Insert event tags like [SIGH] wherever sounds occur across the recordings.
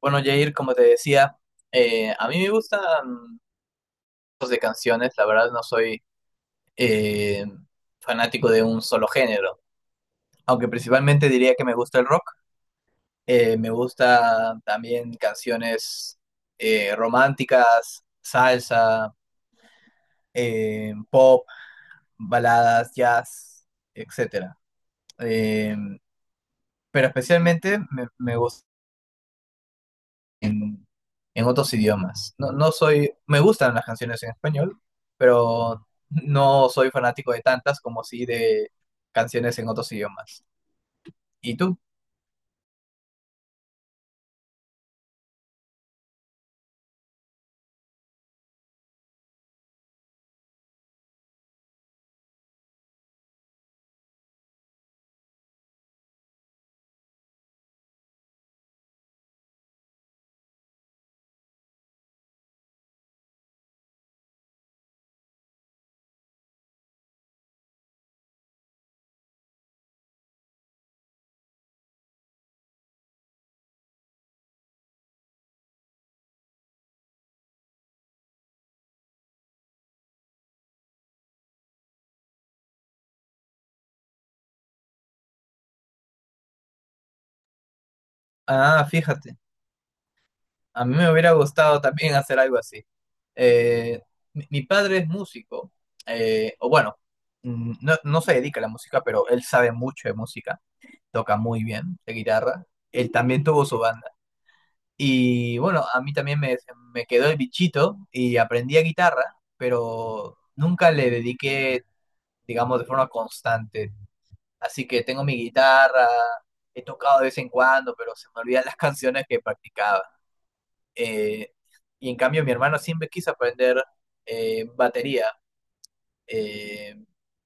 Bueno, Jair, como te decía, a mí me gustan tipos de canciones. La verdad no soy eh, fanático de un solo género, aunque principalmente diría que me gusta el rock. Me gusta también canciones románticas, salsa, pop, baladas, jazz, etcétera. Eh, pero especialmente me gusta en, en otros idiomas. No soy, me gustan las canciones en español, pero no soy fanático de tantas como sí de canciones en otros idiomas. ¿Y tú? Ah, fíjate, a mí me hubiera gustado también hacer algo así. Eh, mi padre es músico, o bueno, mm, no se dedica a la música, pero él sabe mucho de música, toca muy bien de guitarra. Él también tuvo su banda. Y bueno, a mí también me quedó el bichito y aprendí a guitarra, pero nunca le dediqué, digamos, de forma constante. Así que tengo mi guitarra, he tocado de vez en cuando, pero se me olvidan [LAUGHS] las canciones que practicaba. Eh, y en cambio mi hermano siempre quiso aprender batería. Eh,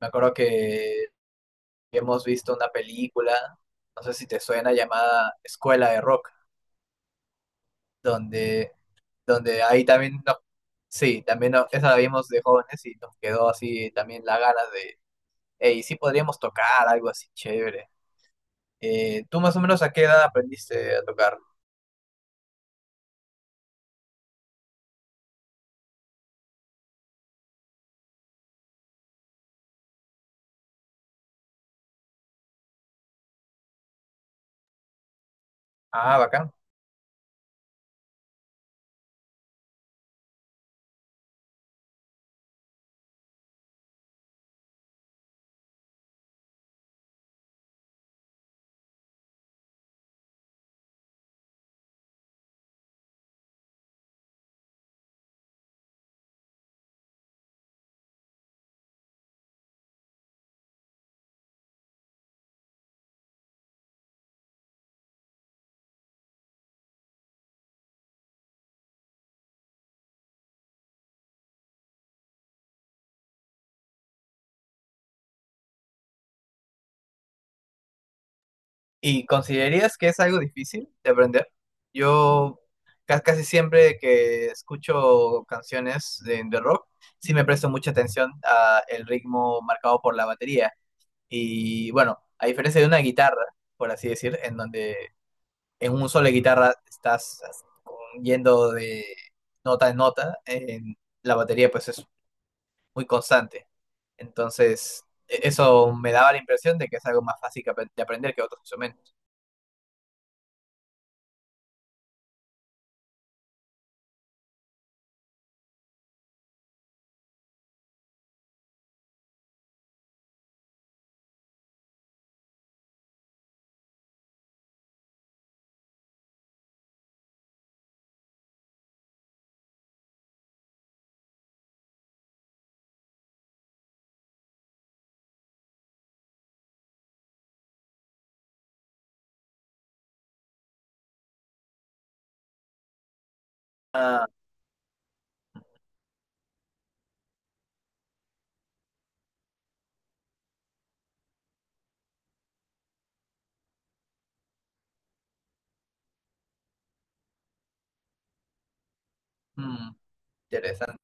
Me acuerdo que hemos visto una película, no sé si te suena, llamada Escuela de Rock, donde donde ahí también sí, también esa la vimos de jóvenes y nos quedó así también la ganas de, hey, sí podríamos tocar algo así chévere. ¿Tú más o menos a qué edad aprendiste a tocar? Ah, bacán. ¿Y considerarías que es algo difícil de aprender? Yo casi siempre que escucho canciones de rock, sí me presto mucha atención a el ritmo marcado por la batería. Y bueno, a diferencia de una guitarra, por así decir, en donde en un solo de guitarra estás yendo de nota en nota, en la batería pues es muy constante. Entonces, eso me daba la impresión de que es algo más fácil que de aprender que otros instrumentos. Ah, mm, interesante.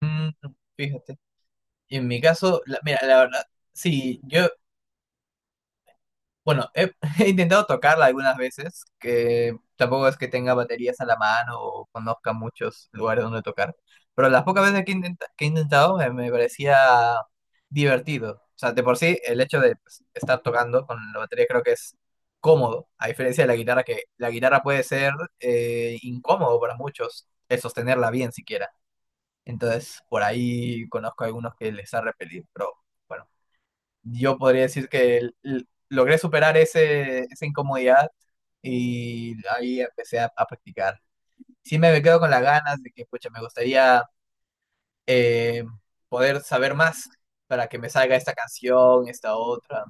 Mm, fíjate. En mi caso, mira, la verdad, sí, yo... Bueno, [LAUGHS] he intentado tocarla algunas veces, que tampoco es que tenga baterías a la mano o conozca muchos lugares donde tocar, pero las pocas veces que, que he intentado me parecía divertido. O sea, de por sí, el hecho de pues, estar tocando con la batería creo que es cómodo, a diferencia de la guitarra, que la guitarra puede ser incómodo para muchos, el sostenerla bien siquiera. Entonces, por ahí conozco a algunos que les ha repelido, pero bueno, yo podría decir que logré superar ese, esa incomodidad y ahí empecé a practicar. Sí me quedo con las ganas de que, pucha, me gustaría eh, poder saber más para que me salga esta canción, esta otra,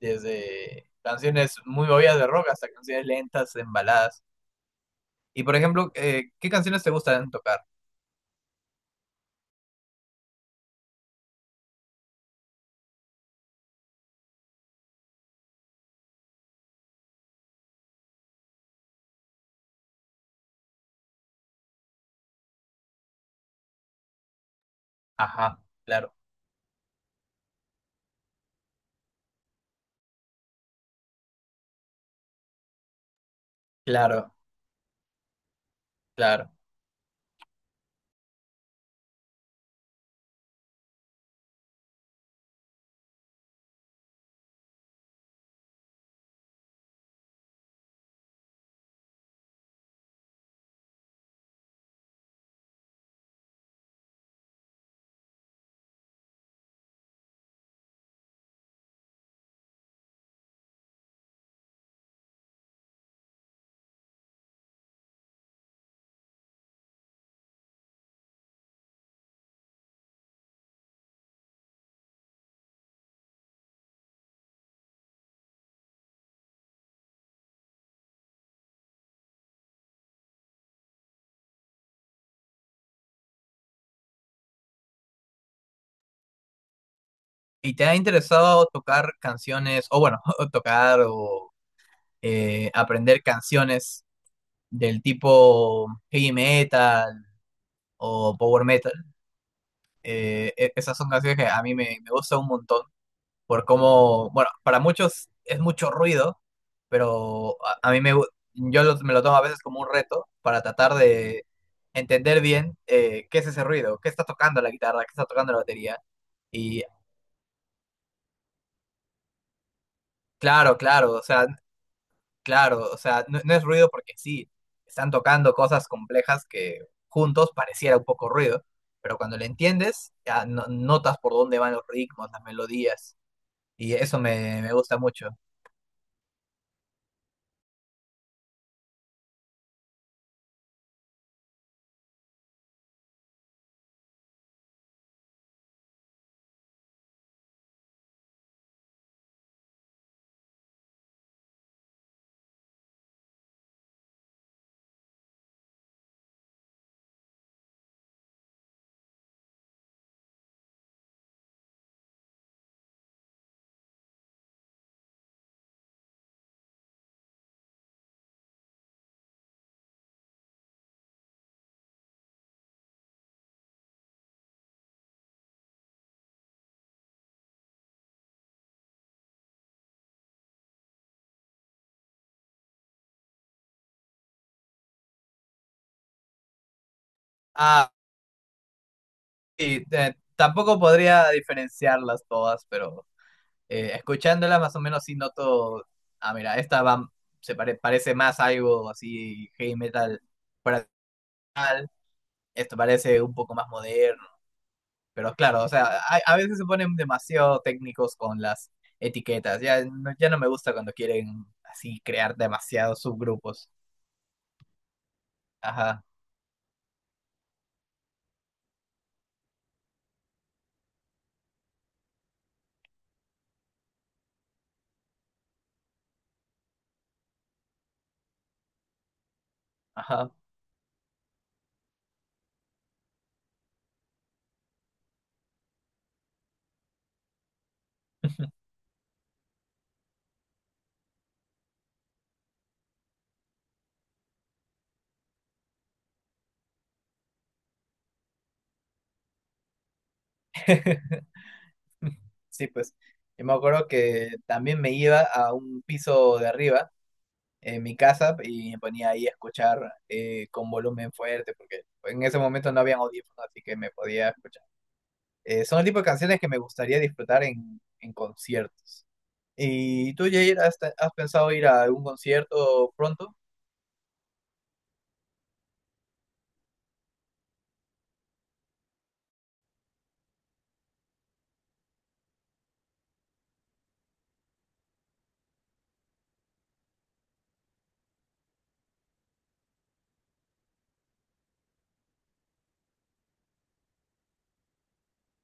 desde canciones muy movidas de rock hasta canciones lentas, en baladas. Y por ejemplo, ¿qué canciones te gustan tocar? Ajá, claro, claro, claro. ¿Y te ha interesado tocar canciones, o bueno, [LAUGHS] tocar o aprender canciones del tipo heavy metal o power metal? Esas son canciones que a mí me gustan un montón por cómo, bueno, para muchos es mucho ruido, pero a mí me, me lo tomo a veces como un reto para tratar de entender bien qué es ese ruido, qué está tocando la guitarra, qué está tocando la batería. Y claro, claro, o sea, claro, o sea, no, no es ruido porque sí, están tocando cosas complejas que juntos pareciera un poco ruido, pero cuando le entiendes, notas por dónde van los ritmos, las melodías, y eso me gusta mucho. Ah, sí, tampoco podría diferenciarlas todas, pero escuchándolas más o menos sí noto, ah, mira, esta va, parece más algo así heavy metal, para esto parece un poco más moderno. Pero claro, o sea, a veces se ponen demasiado técnicos con las etiquetas. Ya, ya no me gusta cuando quieren así crear demasiados subgrupos. Ajá, ajá. [LAUGHS] Sí, pues. Yo me acuerdo que también me iba a un piso de arriba en mi casa y me ponía ahí a escuchar con volumen fuerte, porque en ese momento no habían audífonos, así que me podía escuchar. Son el tipo de canciones que me gustaría disfrutar en conciertos. ¿Y tú, Jair, has, has pensado ir a algún concierto pronto?